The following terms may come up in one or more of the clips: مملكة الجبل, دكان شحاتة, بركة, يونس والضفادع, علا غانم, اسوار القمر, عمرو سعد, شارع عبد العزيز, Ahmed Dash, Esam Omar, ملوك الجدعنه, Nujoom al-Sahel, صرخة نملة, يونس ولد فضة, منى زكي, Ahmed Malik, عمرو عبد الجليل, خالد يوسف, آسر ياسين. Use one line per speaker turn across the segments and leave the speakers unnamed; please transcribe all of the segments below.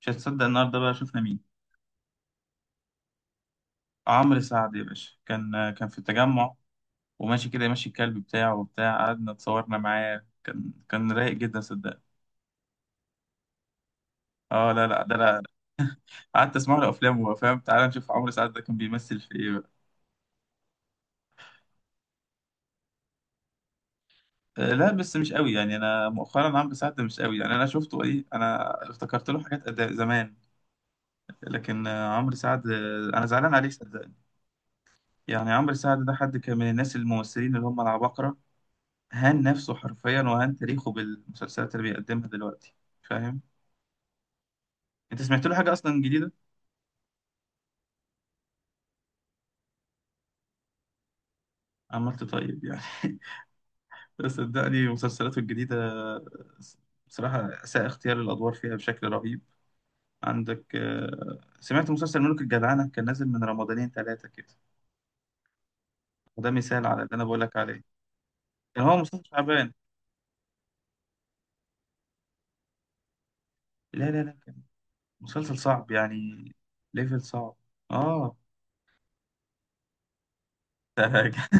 مش هتصدق النهارده بقى شفنا مين؟ عمرو سعد يا باشا، كان في التجمع وماشي كده، ماشي الكلب بتاعه وبتاع. قعدنا اتصورنا معاه، كان رايق جدا صدق. اه، لا لا ده لا. قعدت اسمع له افلام وهو فاهم. تعالى نشوف عمرو سعد ده كان بيمثل في ايه بقى. لا بس مش قوي يعني. انا مؤخرا عمرو سعد ده مش قوي يعني. انا شفته ايه، انا افتكرت له حاجات زمان. لكن عمرو سعد، انا زعلان عليه صدقني. يعني عمرو سعد ده حد كان من الناس الممثلين اللي هم العباقرة. هان نفسه حرفيا وهان تاريخه بالمسلسلات اللي بيقدمها دلوقتي، فاهم؟ انت سمعت له حاجه اصلا جديده؟ عملت طيب يعني. بس صدقني مسلسلاته الجديده بصراحه اساء اختيار الادوار فيها بشكل رهيب. عندك سمعت مسلسل ملوك الجدعنه؟ كان نازل من رمضانين ثلاثه كده، وده مثال على اللي انا بقول لك عليه. كان هو مسلسل تعبان. لا لا لا، كان مسلسل صعب يعني، ليفل صعب. اه.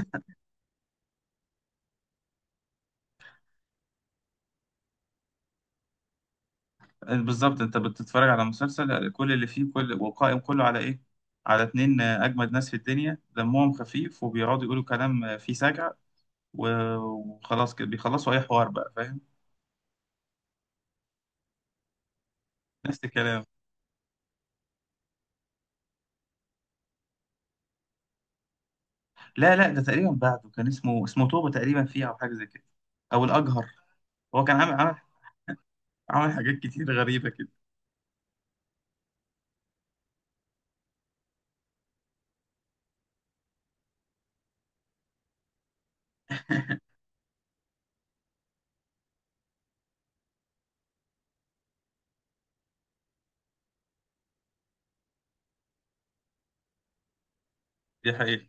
بالظبط، انت بتتفرج على مسلسل كل اللي فيه كل، وقائم كله على ايه؟ على اتنين اجمد ناس في الدنيا دمهم خفيف وبيقعدوا يقولوا كلام فيه سجع، وخلاص كده بيخلصوا اي حوار بقى، فاهم؟ نفس الكلام. لا لا، ده تقريبا بعده كان اسمه توبة تقريبا فيه، او حاجة زي كده، او الاجهر. هو كان عامل عامل حاجات كتير غريبة كده. دي حقيقة.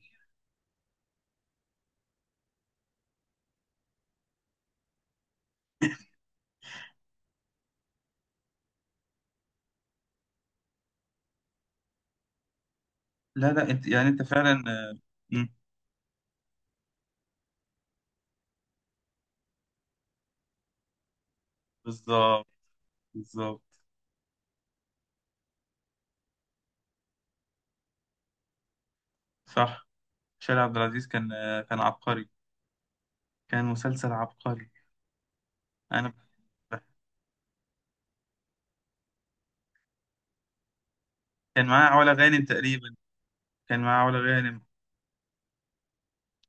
لا لا، انت يعني انت فعلا. آه، مم، بالظبط، بالظبط، صح. شارع عبد العزيز كان كان عبقري، كان مسلسل عبقري، انا بحبه. كان معاه علا غانم تقريبا، كان معاه علا غانم.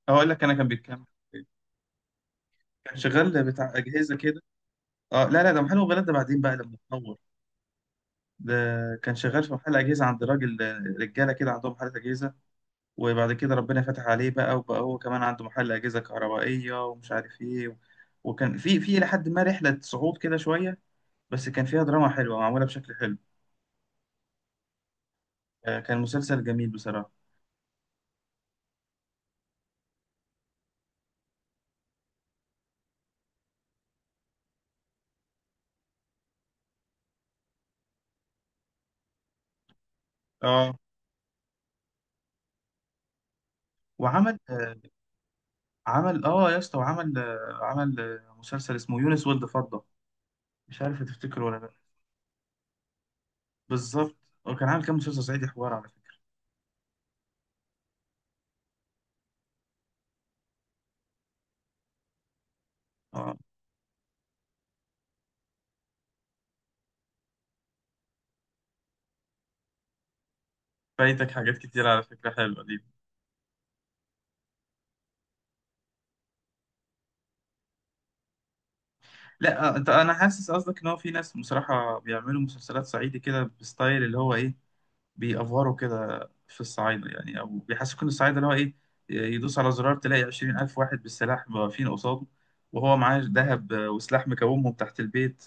اه، اقول لك انا كان بيتكلم. كان شغال بتاع اجهزه كده. اه لا لا، ده محل موبايلات، ده بعدين بقى لما اتطور. ده كان شغال في محل اجهزه عند راجل، رجاله كده عندهم محل اجهزه، وبعد كده ربنا فتح عليه بقى وبقى هو كمان عنده محل اجهزه كهربائيه ومش عارف ايه. وكان في لحد ما رحله صعود كده شويه، بس كان فيها دراما حلوه معموله بشكل حلو. كان مسلسل جميل بصراحه. اه وعمل عمل اه يا اسطى، وعمل عمل مسلسل اسمه يونس ولد فضة، مش عارف هتفتكره ولا لا. بالظبط، هو كان عامل كام مسلسل صعيدي، حوار على فكرة. اه. فايتك حاجات كتير على فكرة حلوة دي. لا انت، انا حاسس قصدك ان هو في ناس بصراحة بيعملوا مسلسلات صعيدي كده بستايل اللي هو ايه، بيأفوروا كده في الصعايدة يعني، او بيحسسوك ان الصعايدة اللي هو ايه، يدوس على زرار تلاقي 20,000 واحد بالسلاح واقفين قصاده، وهو معاه ذهب وسلاح مكومهم تحت البيت.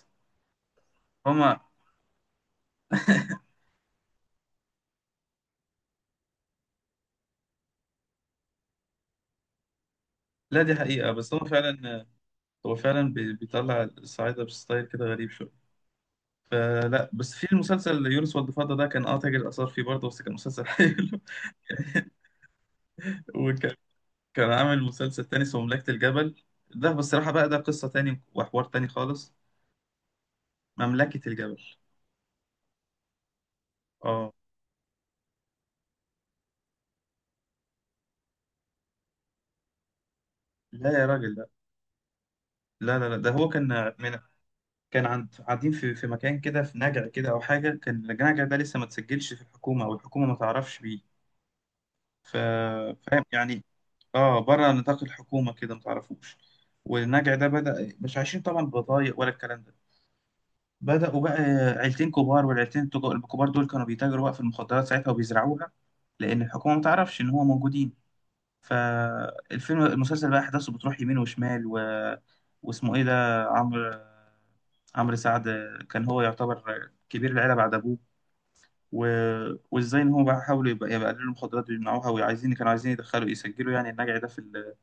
هما. لا دي حقيقة بس هو فعلا، هو فعلا بيطلع الصعايدة بستايل كده غريب شوية. فلا، بس في المسلسل يونس والضفادع ده كان اه تاجر آثار فيه برضه، بس كان مسلسل حلو. وكان، كان عامل مسلسل تاني اسمه مملكة الجبل. ده بصراحة بقى ده قصة تاني وحوار تاني خالص. مملكة الجبل، اه. لا يا راجل، لا. لا لا، لا. ده هو كان من، كان عند، قاعدين في مكان كده، في نجع كده او حاجة. كان النجع ده لسه ما تسجلش في الحكومة، او الحكومة ما تعرفش بيه. ف- فاهم يعني؟ اه، بره نطاق الحكومه كده ما تعرفوش. والنجع ده بدا، مش عايشين طبعا ببضايق ولا الكلام ده. بداوا بقى عيلتين كبار، والعيلتين الكبار دول كانوا بيتاجروا بقى في المخدرات ساعتها وبيزرعوها، لان الحكومه ما تعرفش ان هو موجودين. فالفيلم، المسلسل بقى احداثه بتروح يمين وشمال و... واسمه ايه ده، عمرو، عمرو سعد، كان هو يعتبر كبير العيله بعد ابوه. و... وازاي ان هو بقى حاولوا يبقى يقللوا المخدرات ويمنعوها، وعايزين، كانوا عايزين يدخلوا يسجلوا يعني النجع ده في ال...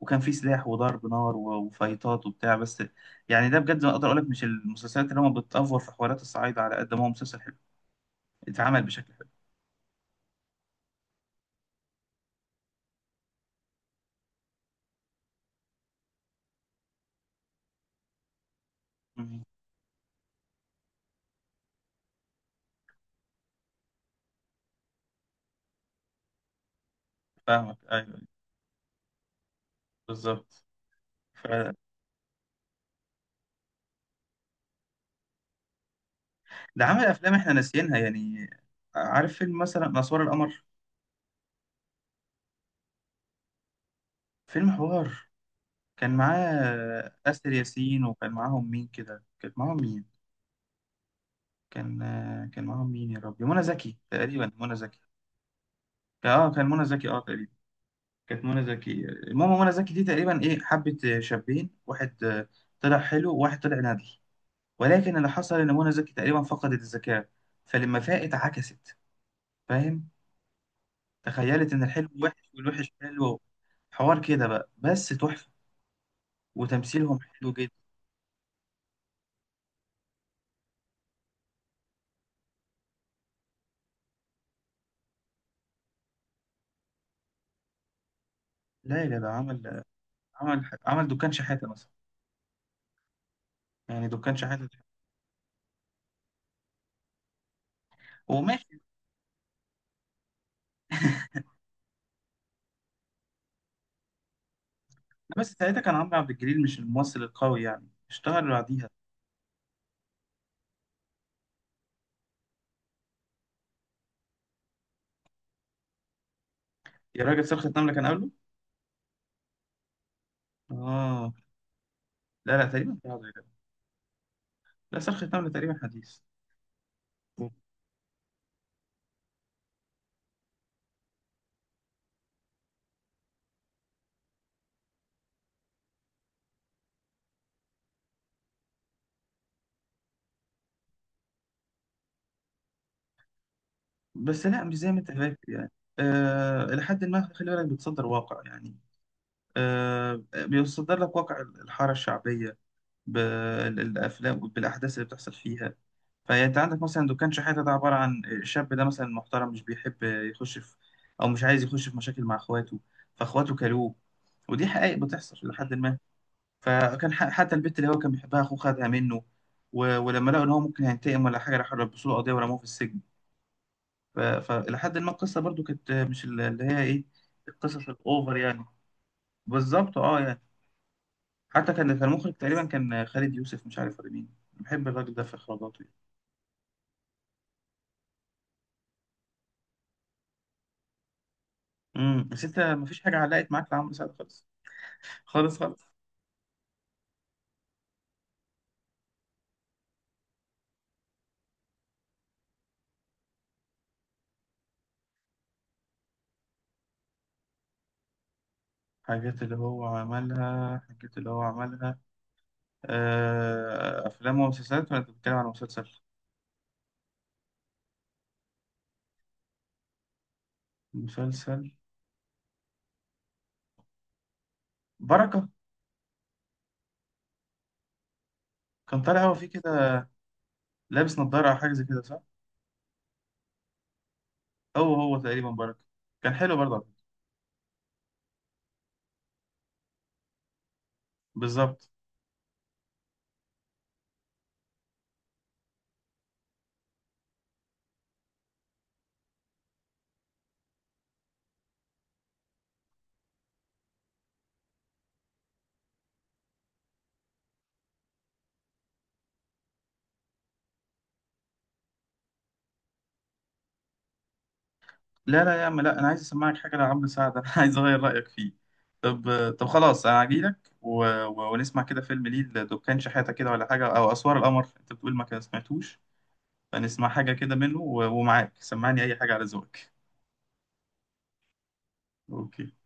وكان في سلاح وضرب نار و... وفايتات وبتاع بس. يعني ده بجد، ما اقدر اقول لك مش المسلسلات اللي هم بتأفور في حوارات الصعايدة، على قد ما هو مسلسل حلو اتعمل بشكل حلو. مم. فاهمك، ايوه، أيوة. بالظبط. ف... ده عمل افلام احنا ناسيينها يعني. عارف فيلم مثلا اسوار القمر؟ فيلم حوار. كان معاه آسر ياسين، وكان معاهم مين كده، كان معاهم مين؟ كان كان معاهم مين يا ربي؟ منى زكي تقريبا، منى زكي. اه كان منى زكي اه تقريبا. كانت منى زكي. المهم، منى زكي دي تقريبا ايه، حبت شابين، واحد طلع حلو، وواحد طلع ندل. ولكن اللي حصل ان منى زكي تقريبا فقدت الذكاء، فلما فاقت عكست، فاهم؟ تخيلت ان الحلو وحش والوحش حلو. حوار كده بقى بس تحفة، وتمثيلهم حلو جدا. لا يا جدع، عمل، عمل دكان شحاتة مثلا. يعني دكان شحاتة، وماشي. بس ساعتها كان عمرو عبد الجليل مش الممثل القوي يعني، اشتهر بعديها. يا راجل، صرخة نملة كان قبله. اه. لا لا، تقريبا كان قبله يا جدع. لا صرخة نملة تقريبا حديث. بس لا، مش زي ما انت فاكر يعني. آه إلى حد ما، خلي بالك، بتصدر واقع يعني، آه بيصدر لك واقع الحارة الشعبية، بالأفلام بالأحداث اللي بتحصل فيها. فانت عندك مثلا دكان شحاته، ده عباره عن الشاب ده مثلا محترم مش بيحب يخش في، او مش عايز يخش في مشاكل مع اخواته، فاخواته كلوه. ودي حقائق بتحصل لحد ما. فكان حتى البت اللي هو كان بيحبها اخوه خدها منه، و... ولما لقوا ان هو ممكن هينتقم ولا حاجه راحوا لبسوا له قضيه ورموه في السجن. ف... فلحد ما القصه برضو كانت مش اللي هي ايه، القصص الاوفر يعني. بالظبط اه يعني. حتى كان المخرج تقريبا كان خالد يوسف، مش عارف ولا مين. بحب الراجل ده في اخراجاته يعني. امم، بس انت مفيش حاجه علقت معاك لعمرو سعد خالص، خالص خالص. حاجات اللي هو عملها، حاجات اللي هو عملها. أفلام ومسلسلات ولا أنت بتتكلم عن مسلسل؟ مسلسل. بركة. كان طالع هو فيه كده، لابس نظارة أو حاجة زي كده صح؟ هو هو تقريبا بركة. كان حلو برضه على فكرة. بالظبط. لا لا يا عم لا، أنا عايز أسمعك حاجة لعمرو سعد أنا، عايز أغير رأيك فيه. طب، طب خلاص، أنا هجيلك و... و... ونسمع كده فيلم ليه، لدكان شحاتة كده ولا حاجة، أو أسوار القمر أنت بتقول ما سمعتوش. فنسمع حاجة كده منه و... ومعاك، سمعني أي حاجة على ذوقك. أوكي